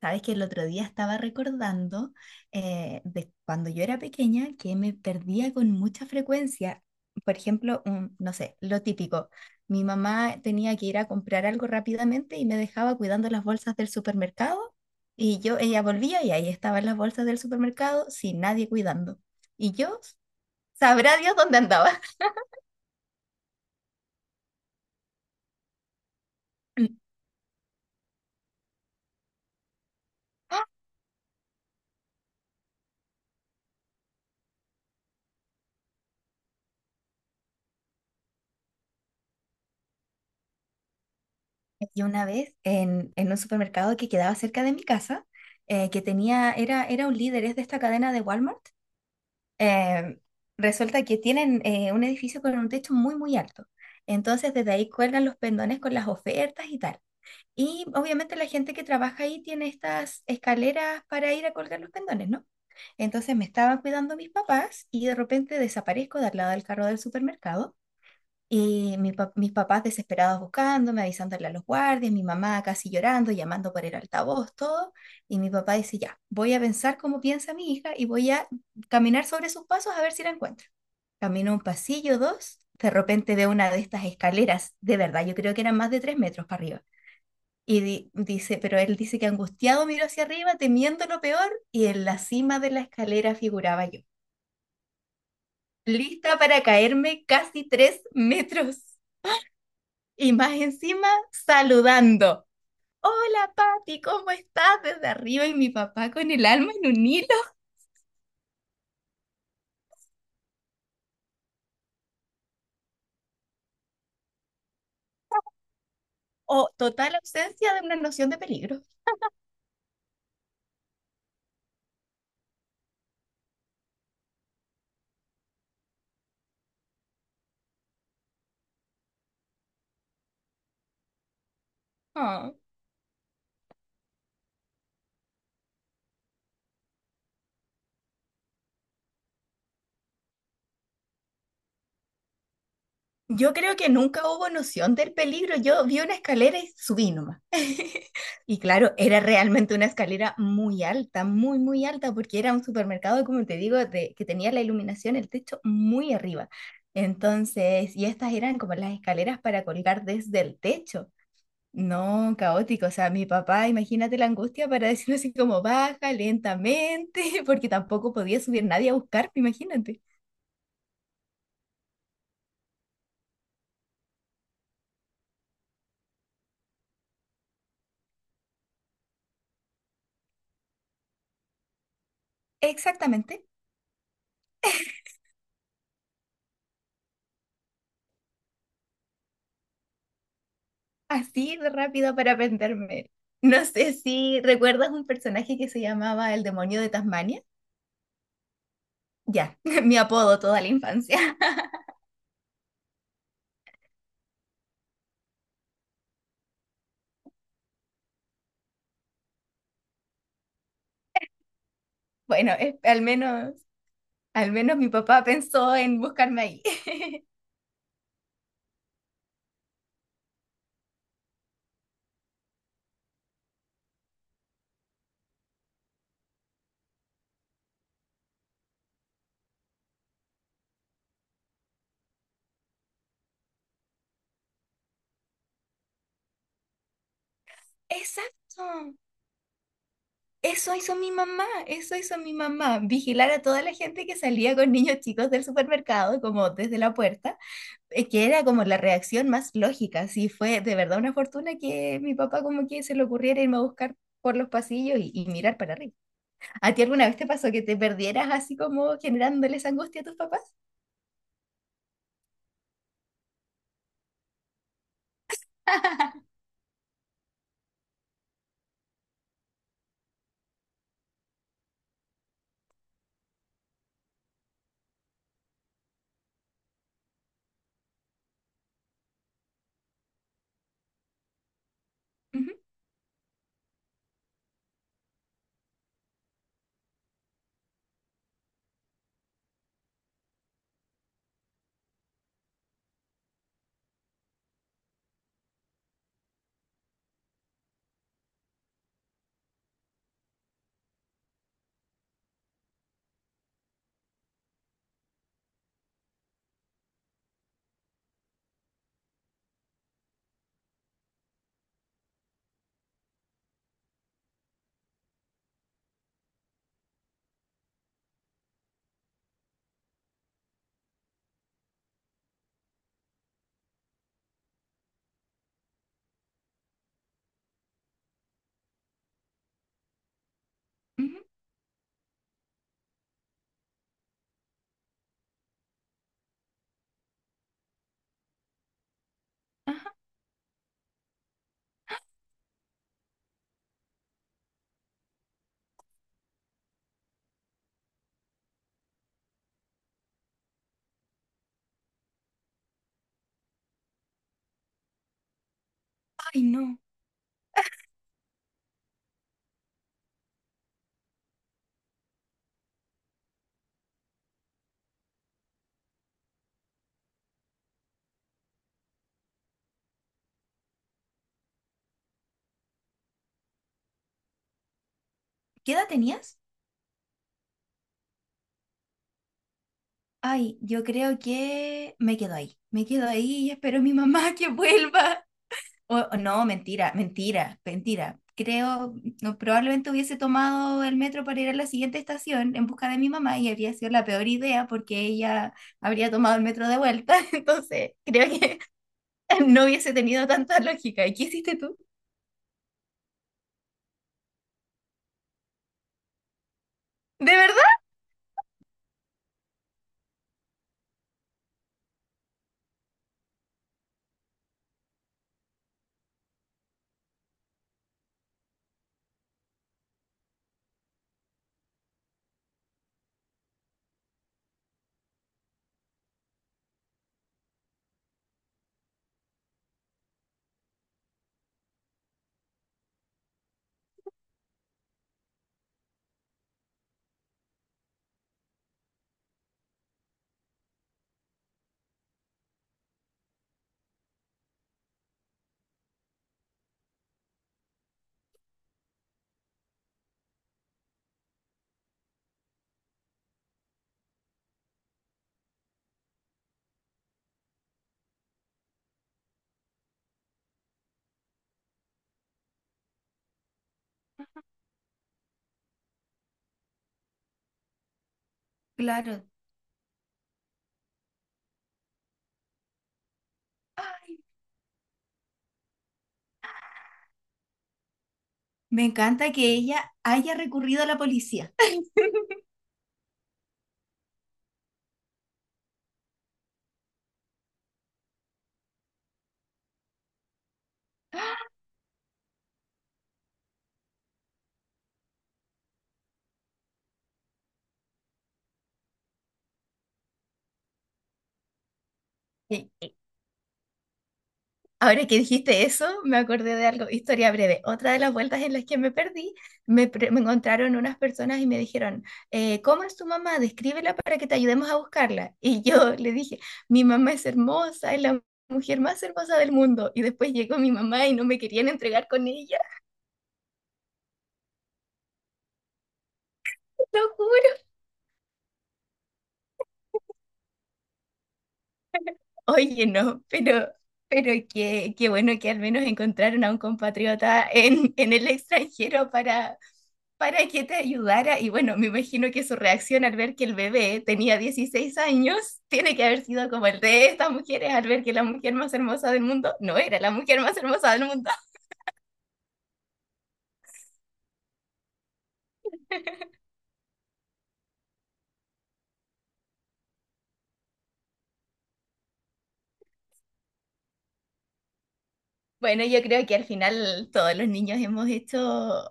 Sabes que el otro día estaba recordando de cuando yo era pequeña que me perdía con mucha frecuencia. Por ejemplo, no sé, lo típico. Mi mamá tenía que ir a comprar algo rápidamente y me dejaba cuidando las bolsas del supermercado y yo, ella volvía y ahí estaban las bolsas del supermercado sin nadie cuidando. Y yo, sabrá Dios dónde andaba. Y una vez en un supermercado que quedaba cerca de mi casa, que tenía, era un líder, es de esta cadena de Walmart. Eh, resulta que tienen un edificio con un techo muy, muy alto. Entonces, desde ahí cuelgan los pendones con las ofertas y tal. Y obviamente la gente que trabaja ahí tiene estas escaleras para ir a colgar los pendones, ¿no? Entonces me estaban cuidando mis papás y de repente desaparezco de al lado del carro del supermercado y mis papás desesperados buscándome, avisándole a los guardias, mi mamá casi llorando, llamando por el altavoz, todo. Y mi papá dice, ya, voy a pensar cómo piensa mi hija y voy a caminar sobre sus pasos a ver si la encuentro. Camino un pasillo, dos, de repente veo una de estas escaleras, de verdad, yo creo que eran más de 3 metros para arriba. Y dice, pero él dice que angustiado miró hacia arriba, temiendo lo peor, y en la cima de la escalera figuraba yo, lista para caerme casi 3 metros. Y más encima, saludando. Hola, papi, ¿cómo estás? Desde arriba y mi papá con el alma en un hilo. O total ausencia de una noción de peligro. Ah. Yo creo que nunca hubo noción del peligro. Yo vi una escalera y subí nomás. Y claro, era realmente una escalera muy alta, muy, muy alta, porque era un supermercado, como te digo, de, que tenía la iluminación, el techo muy arriba. Entonces, y estas eran como las escaleras para colgar desde el techo. No, caótico. O sea, mi papá, imagínate la angustia para decirme así como baja lentamente, porque tampoco podía subir nadie a buscarme, imagínate. Exactamente, así de rápido para aprenderme. No sé si recuerdas un personaje que se llamaba el demonio de Tasmania. Ya, mi apodo toda la infancia. Bueno, al menos mi papá pensó en buscarme ahí. Exacto. Eso hizo mi mamá, eso hizo mi mamá, vigilar a toda la gente que salía con niños chicos del supermercado, como desde la puerta, que era como la reacción más lógica, sí, fue de verdad una fortuna que mi papá como que se le ocurriera irme a buscar por los pasillos y mirar para arriba. ¿A ti alguna vez te pasó que te perdieras así como generándoles angustia a tus papás? Ujú, ujú. Ajá. Ay, no. ¿Qué edad tenías? Ay, yo creo que me quedo ahí. Me quedo ahí y espero a mi mamá que vuelva. O no, mentira, mentira, mentira. Creo, no, probablemente hubiese tomado el metro para ir a la siguiente estación en busca de mi mamá y habría sido la peor idea porque ella habría tomado el metro de vuelta. Entonces, creo que no hubiese tenido tanta lógica. ¿Y qué hiciste tú? ¿De verdad? Claro. Ay, me encanta que ella haya recurrido a la policía. Ahora que dijiste eso, me acordé de algo, historia breve. Otra de las vueltas en las que me perdí, me encontraron unas personas y me dijeron, ¿cómo es tu mamá? Descríbela para que te ayudemos a buscarla. Y yo le dije, mi mamá es hermosa, es la mujer más hermosa del mundo. Y después llegó mi mamá y no me querían entregar con ella, lo juro. Oye, no, pero qué, qué bueno que al menos encontraron a un compatriota en el extranjero para que te ayudara. Y bueno, me imagino que su reacción al ver que el bebé tenía 16 años tiene que haber sido como el de estas mujeres al ver que la mujer más hermosa del mundo no era la mujer más hermosa del mundo. Bueno, yo creo que al final todos los niños hemos hecho,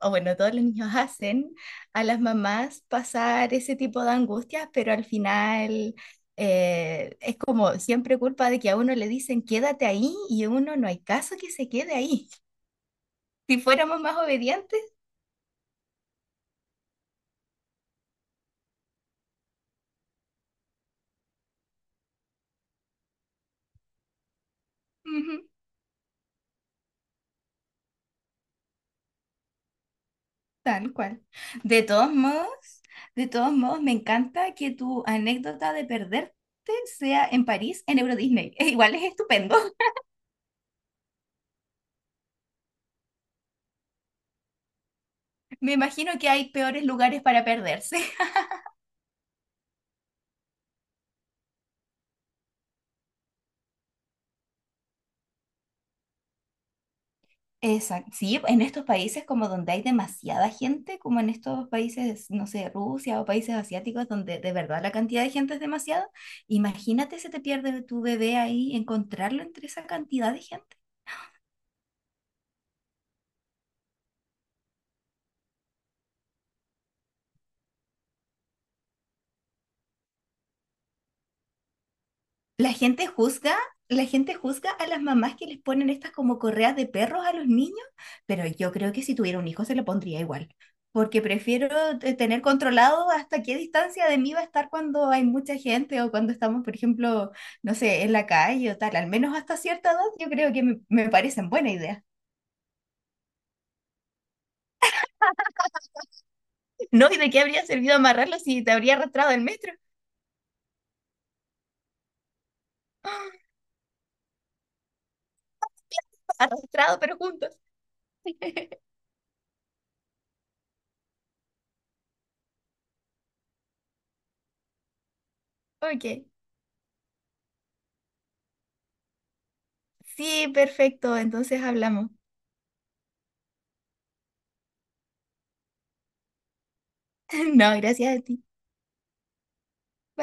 o bueno, todos los niños hacen a las mamás pasar ese tipo de angustias, pero al final es como siempre culpa de que a uno le dicen quédate ahí y uno no hay caso que se quede ahí. Si fuéramos más obedientes, ujú, tal cual. De todos modos, de todos modos, me encanta que tu anécdota de perderte sea en París, en Euro Disney. Igual es estupendo. Me imagino que hay peores lugares para perderse. Exacto. Sí, en estos países como donde hay demasiada gente, como en estos países, no sé, Rusia o países asiáticos, donde de verdad la cantidad de gente es demasiada, imagínate si te pierde tu bebé ahí, encontrarlo entre esa cantidad de gente. La gente juzga, la gente juzga a las mamás que les ponen estas como correas de perros a los niños, pero yo creo que si tuviera un hijo se lo pondría igual, porque prefiero tener controlado hasta qué distancia de mí va a estar cuando hay mucha gente o cuando estamos, por ejemplo, no sé, en la calle o tal, al menos hasta cierta edad yo creo que me parecen buena idea. ¿No? ¿Y de qué habría servido amarrarlo si te habría arrastrado el metro? Arrastrado, pero juntos. Ok. Sí, perfecto, entonces hablamos. No, gracias a ti.